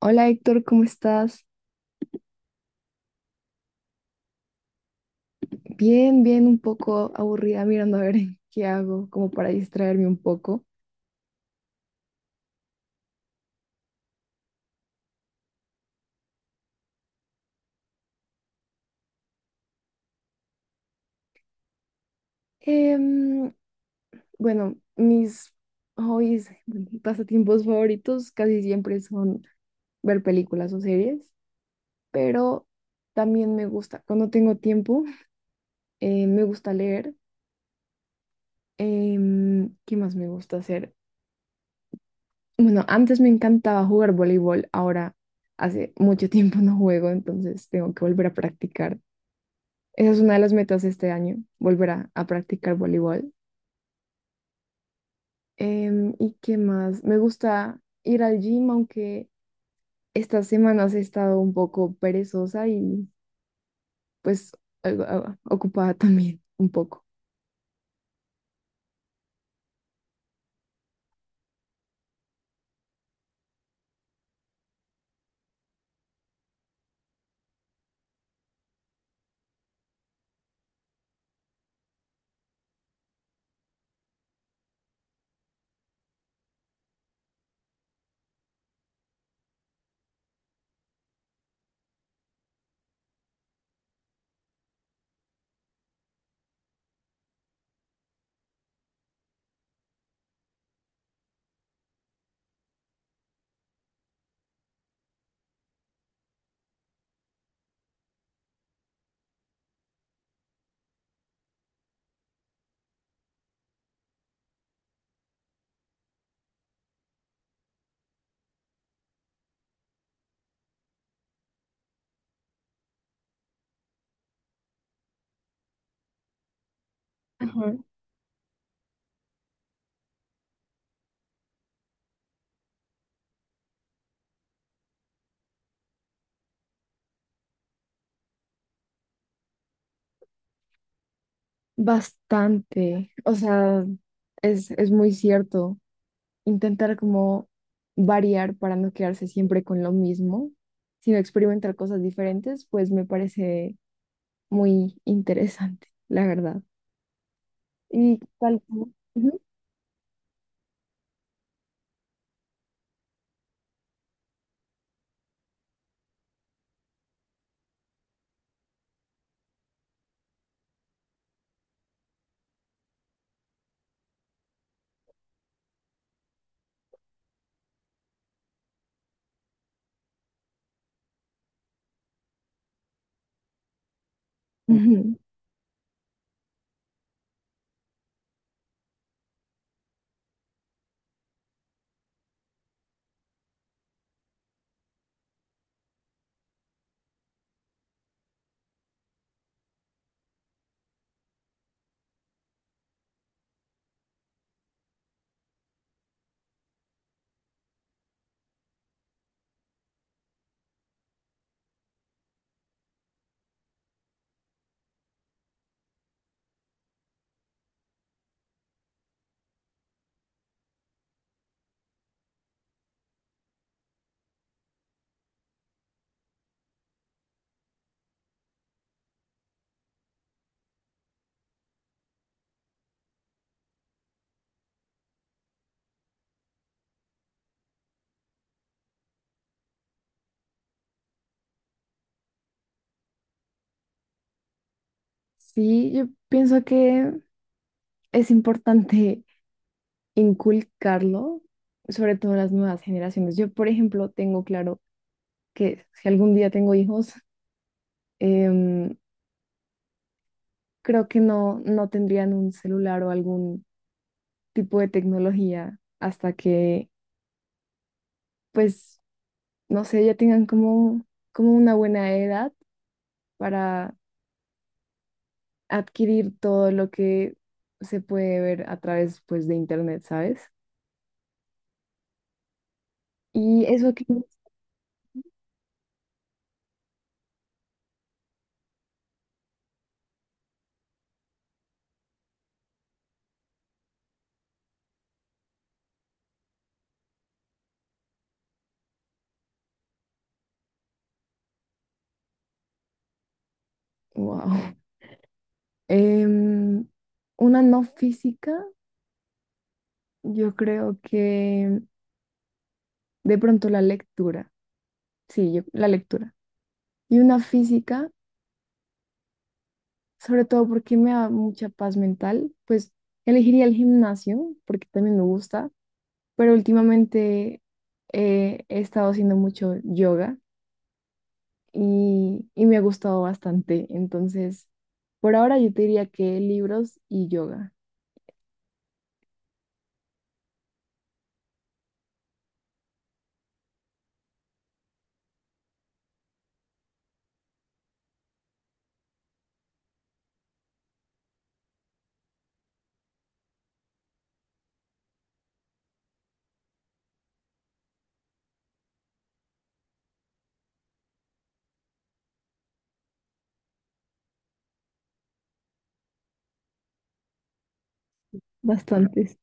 Hola Héctor, ¿cómo estás? Bien, bien, un poco aburrida mirando a ver qué hago, como para distraerme un poco. Em, bueno, mis hobbies, pasatiempos favoritos casi siempre son ver películas o series, pero también me gusta, cuando tengo tiempo, me gusta leer. ¿Qué más me gusta hacer? Bueno, antes me encantaba jugar voleibol, ahora hace mucho tiempo no juego, entonces tengo que volver a practicar. Esa es una de las metas de este año, volver a practicar voleibol. ¿Y qué más? Me gusta ir al gym, aunque estas semanas he estado un poco perezosa y pues ah, ocupada también un poco. Ajá. Bastante. O sea, es muy cierto. Intentar como variar para no quedarse siempre con lo mismo, sino experimentar cosas diferentes, pues me parece muy interesante, la verdad. Ujú. Ujú. Sí, yo pienso que es importante inculcarlo, sobre todo a las nuevas generaciones. Yo, por ejemplo, tengo claro que si algún día tengo hijos, em, creo que no tendrían un celular o algún tipo de tecnología hasta que, pues, no sé, ya tengan como, como una buena edad para adquirir todo lo que se puede ver a través, pues, de internet, ¿sabes? Y eso que... Wow. Em, una no física, yo creo que de pronto la lectura. Sí, la lectura. Y una física, sobre todo porque me da mucha paz mental, pues elegiría el gimnasio porque también me gusta, pero últimamente he estado haciendo mucho yoga y me ha gustado bastante. Entonces, por ahora yo te diría que libros y yoga. Bastantes.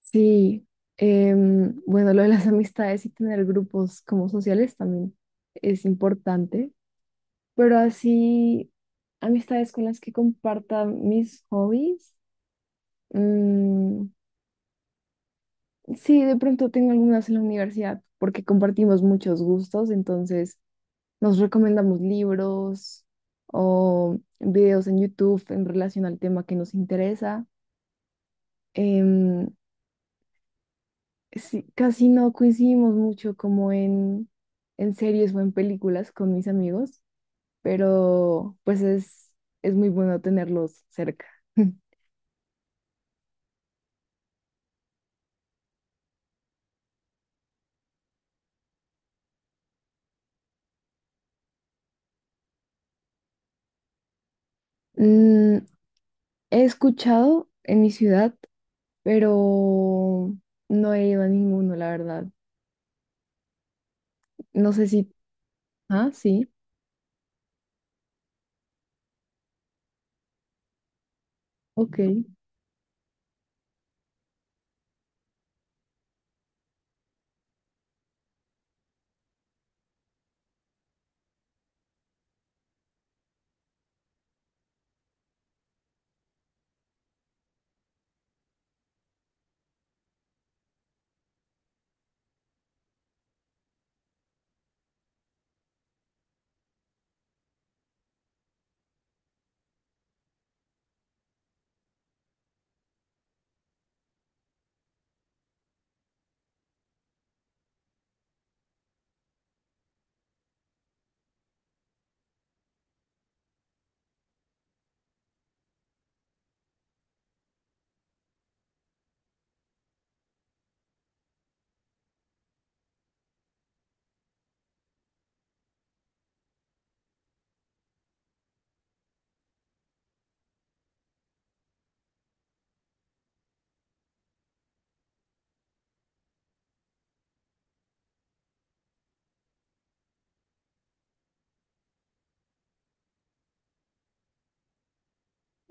Sí. Bueno, lo de las amistades y tener grupos como sociales también es importante, pero así amistades con las que comparta mis hobbies. mm, sí, de pronto tengo algunas en la universidad porque compartimos muchos gustos, entonces nos recomendamos libros o videos en YouTube en relación al tema que nos interesa. em, Sí, casi no coincidimos mucho como en series o en películas con mis amigos, pero pues es muy bueno tenerlos cerca. Mm, He escuchado en mi ciudad, pero no he ido a ninguno, la verdad. No sé si... Ah, sí, ok.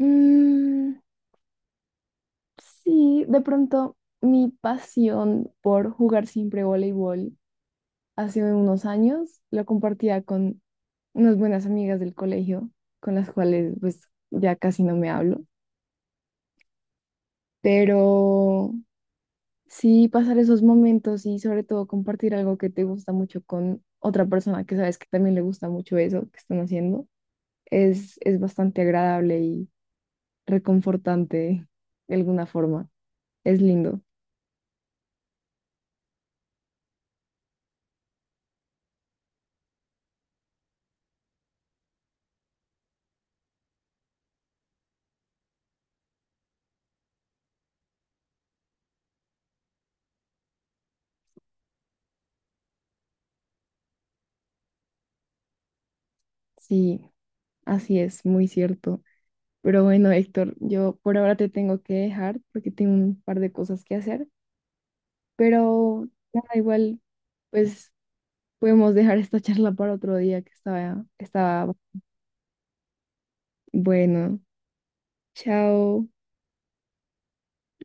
Mm, sí, de pronto mi pasión por jugar siempre voleibol hace unos años lo compartía con unas buenas amigas del colegio, con las cuales pues ya casi no me hablo, pero sí pasar esos momentos y sobre todo compartir algo que te gusta mucho con otra persona que sabes que también le gusta mucho eso que están haciendo, es bastante agradable y reconfortante de alguna forma. Es lindo, sí, así es, muy cierto. Pero bueno, Héctor, yo por ahora te tengo que dejar porque tengo un par de cosas que hacer. Pero nada, igual, pues podemos dejar esta charla para otro día que estaba bueno. Chao.